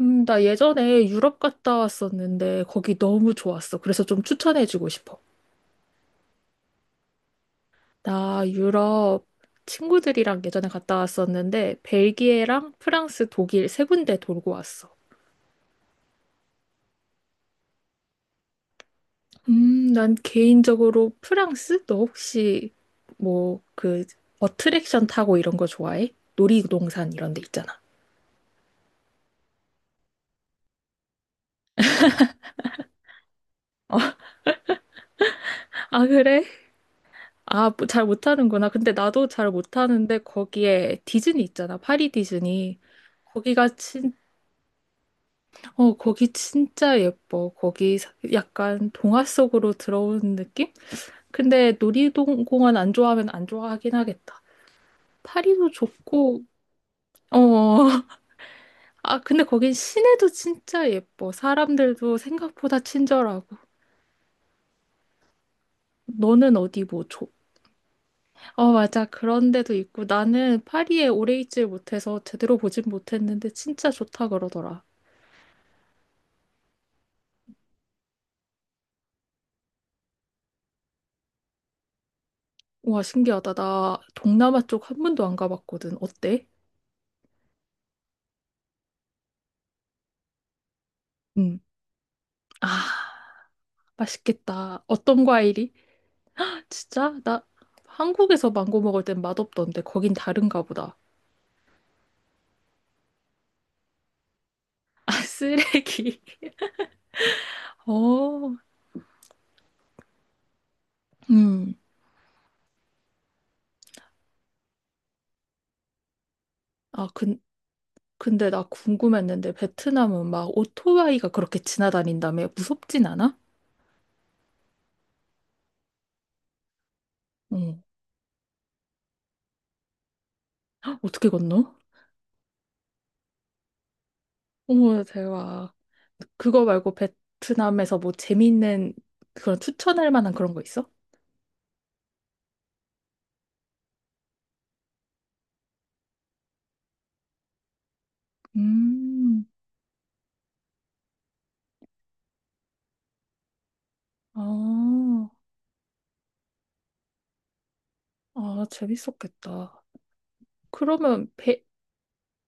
나 예전에 유럽 갔다 왔었는데 거기 너무 좋았어. 그래서 좀 추천해주고 싶어. 나 유럽 친구들이랑 예전에 갔다 왔었는데 벨기에랑 프랑스, 독일 세 군데 돌고 왔어. 난 개인적으로 프랑스? 너 혹시 뭐 그 어트랙션 타고 이런 거 좋아해? 놀이동산 이런 데 있잖아. 아, 그래? 아, 뭐잘 못하는구나. 근데 나도 잘 못하는데 거기에 디즈니 있잖아. 파리 디즈니. 거기가 거기 진짜 예뻐. 거기 약간 동화 속으로 들어오는 느낌? 근데 놀이동공원 안 좋아하면 안 좋아하긴 하겠다. 파리도 좋고, 어, 아, 근데 거긴 시내도 진짜 예뻐. 사람들도 생각보다 친절하고. 너는 어디 뭐 줘? 어, 맞아. 그런 데도 있고. 나는 파리에 오래 있질 못해서 제대로 보진 못했는데 진짜 좋다 그러더라. 와, 신기하다. 나 동남아 쪽 한 번도 안 가봤거든. 어때? 응. 아. 맛있겠다. 어떤 과일이? 진짜? 나 한국에서 망고 먹을 땐 맛없던데 거긴 다른가 보다. 아, 쓰레기. 어, 음. 아, 근, 근데 나 궁금했는데 베트남은 막 오토바이가 그렇게 지나다닌다며 무섭진 않아? 응. 어떻게 건너? 어머, 대박. 그거 말고 베트남에서 뭐 재밌는 그런 추천할 만한 그런 거 있어? 음, 아, 아, 재밌었겠다. 그러면 베,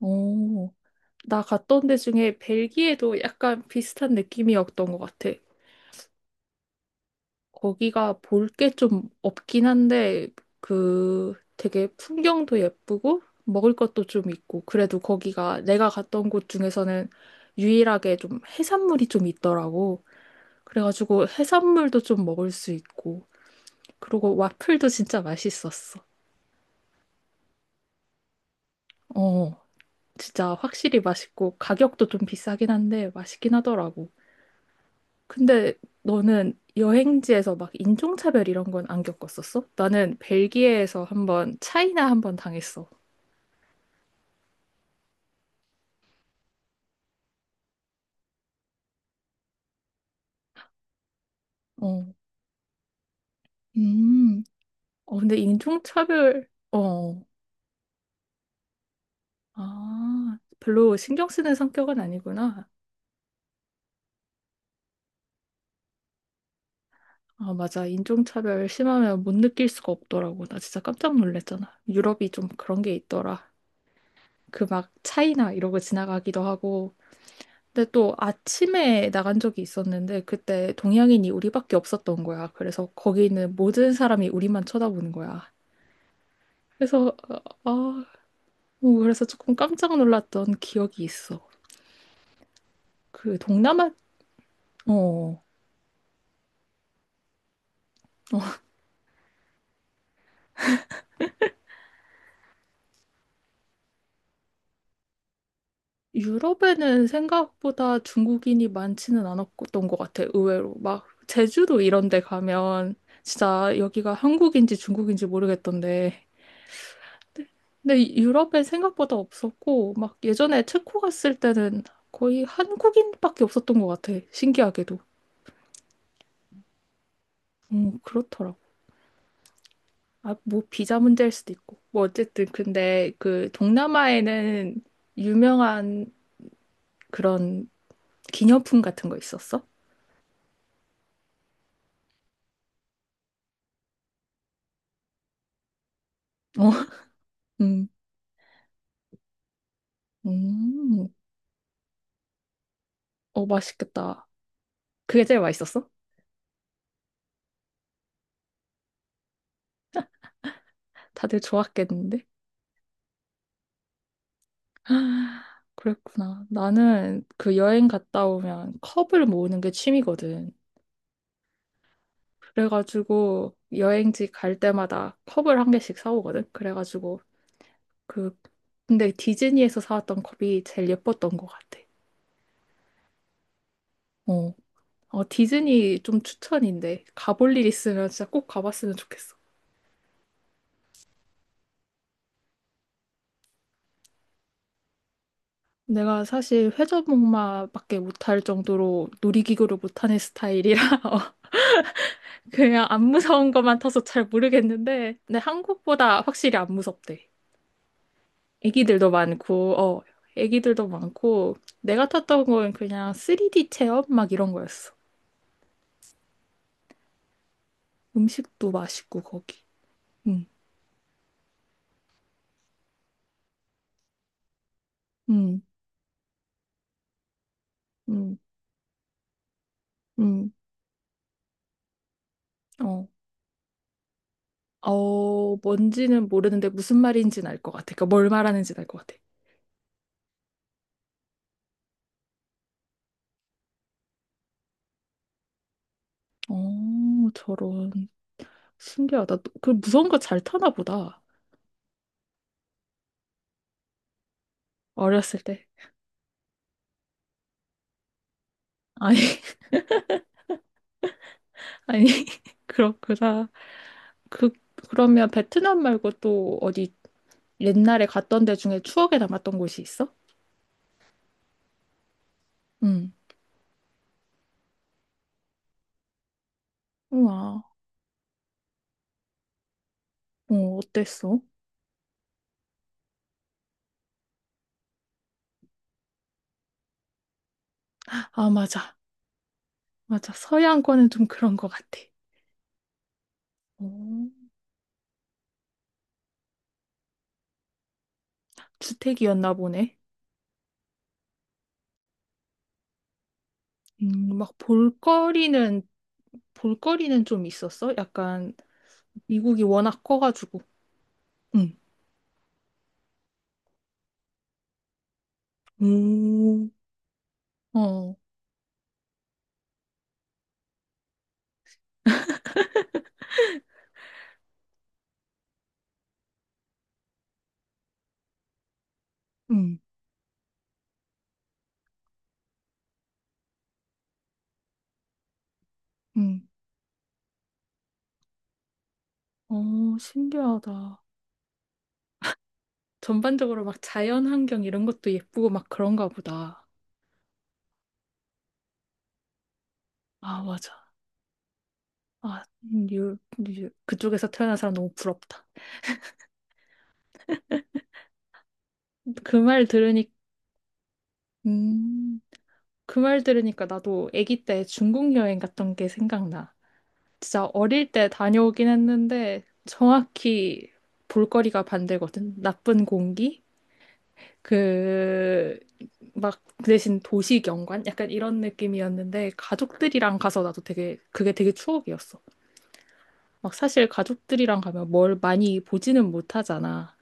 어, 나 갔던 데 중에 벨기에도 약간 비슷한 느낌이었던 것 같아. 거기가 볼 게 좀 없긴 한데, 그 되게 풍경도 예쁘고, 먹을 것도 좀 있고, 그래도 거기가 내가 갔던 곳 중에서는 유일하게 좀 해산물이 좀 있더라고. 그래가지고 해산물도 좀 먹을 수 있고, 그리고 와플도 진짜 맛있었어. 어, 진짜 확실히 맛있고, 가격도 좀 비싸긴 한데 맛있긴 하더라고. 근데 너는 여행지에서 막 인종차별 이런 건 안 겪었었어? 나는 벨기에에서 한번 차이나 한번 당했어. 어. 음. 어, 근데 인종차별, 어. 아, 별로 신경 쓰는 성격은 아니구나. 아, 맞아. 인종차별 심하면 못 느낄 수가 없더라고. 나 진짜 깜짝 놀랐잖아. 유럽이 좀 그런 게 있더라. 그 막 차이나 이러고 지나가기도 하고. 근데 또 아침에 나간 적이 있었는데 그때 동양인이 우리밖에 없었던 거야. 그래서 거기는 모든 사람이 우리만 쳐다보는 거야. 그래서 어, 아, 뭐 그래서 조금 깜짝 놀랐던 기억이 있어. 그 동남아 어, 어 유럽에는 생각보다 중국인이 많지는 않았던 것 같아. 의외로 막 제주도 이런 데 가면 진짜 여기가 한국인지 중국인지 모르겠던데 근데 유럽엔 생각보다 없었고, 막 예전에 체코 갔을 때는 거의 한국인밖에 없었던 것 같아. 신기하게도. 그렇더라고. 아, 뭐 비자 문제일 수도 있고. 뭐 어쨌든 근데 그 동남아에는 유명한 그런 기념품 같은 거 있었어? 어, 음, 음, 어, 맛있겠다. 그게 제일 맛있었어? 다들 좋았겠는데? 그랬구나. 나는 그 여행 갔다 오면 컵을 모으는 게 취미거든. 그래가지고 여행지 갈 때마다 컵을 한 개씩 사오거든. 그래가지고 그 근데 디즈니에서 사왔던 컵이 제일 예뻤던 것 같아. 어, 디즈니 좀 추천인데 가볼 일 있으면 진짜 꼭 가봤으면 좋겠어. 내가 사실 회전목마밖에 못할 정도로 놀이기구를 못하는 스타일이라 그냥 안 무서운 것만 타서 잘 모르겠는데 근데 한국보다 확실히 안 무섭대. 애기들도 많고, 어, 애기들도 많고, 내가 탔던 건 그냥 3D 체험 막 이런 거였어. 음식도 맛있고, 거기. 응, 응, 응, 응, 어. 어, 뭔지는 모르는데 무슨 말인지는 알 것 같아. 그러니까 뭘 말하는지는 알 것 같아. 어, 저런. 신기하다. 그 무서운 거 잘 타나 보다. 어렸을 때. 아니, 아니, 그렇구나. 그, 그러면 베트남 말고 또 어디 옛날에 갔던 데 중에 추억에 남았던 곳이 있어? 응. 우와. 어, 어땠어? 아, 맞아. 맞아. 서양권은 좀 그런 것 같아. 어, 주택이었나 보네. 막 볼거리는, 볼거리는 좀 있었어? 약간 미국이 워낙 커가지고. 응. 오 어, 응, 응. 어, 신기하다. 전반적으로 막 자연 환경 이런 것도 예쁘고 막 그런가 보다. 아, 맞아. 아, 유, 그쪽에서 태어난 사람 너무 부럽다. 그 말 들으니, 음. 그 말 들으니까 나도 아기 때 중국 여행 갔던 게 생각나. 진짜 어릴 때 다녀오긴 했는데 정확히 볼거리가 반대거든. 나쁜 공기? 그, 막, 그 대신 도시 경관? 약간 이런 느낌이었는데 가족들이랑 가서 나도 되게, 그게 되게 추억이었어. 막 사실 가족들이랑 가면 뭘 많이 보지는 못하잖아.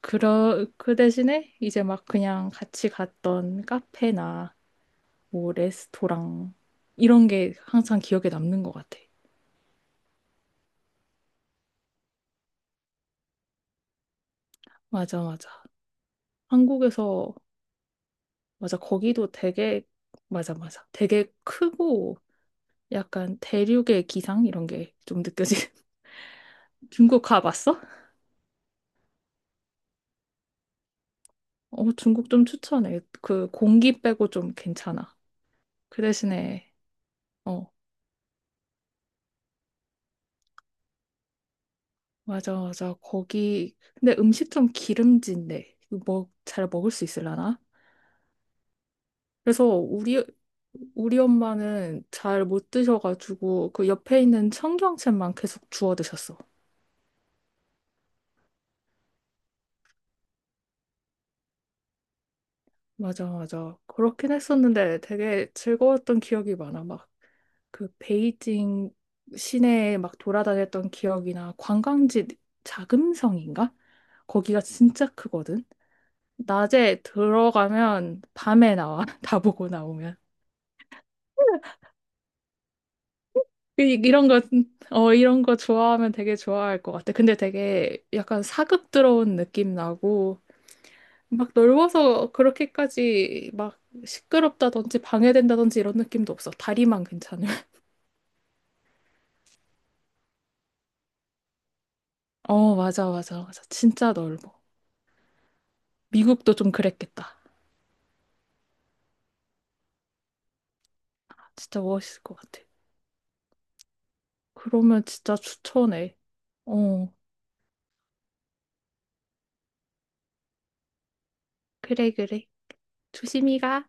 그 대신에 이제 막 그냥 같이 갔던 카페나 뭐 레스토랑 이런 게 항상 기억에 남는 것 같아. 맞아, 맞아. 한국에서 맞아. 거기도 되게 맞아, 맞아. 되게 크고 약간 대륙의 기상 이런 게 좀 느껴지는. 중국 가봤어? 어, 중국 좀 추천해. 그 공기 빼고 좀 괜찮아. 그 대신에 어, 맞아, 맞아. 거기 근데 음식 좀 기름진데 뭐 잘 먹을 수 있으려나? 그래서 우리 엄마는 잘 못 드셔가지고 그 옆에 있는 청경채만 계속 주워 드셨어. 맞아, 맞아. 그렇긴 했었는데 되게 즐거웠던 기억이 많아. 막 그 베이징 시내에 막 돌아다녔던 기억이나 관광지 자금성인가? 거기가 진짜 크거든. 낮에 들어가면 밤에 나와. 다 보고 나오면. 이런 거, 어, 이런 거 좋아하면 되게 좋아할 것 같아. 근데 되게 약간 사극 들어온 느낌 나고, 막 넓어서 그렇게까지 막 시끄럽다든지 방해된다든지 이런 느낌도 없어. 다리만 괜찮아. 어, 맞아, 맞아, 맞아. 진짜 넓어. 미국도 좀 그랬겠다. 진짜 멋있을 것 같아. 그러면 진짜 추천해. 어, 그래, 그래. 조심히 가.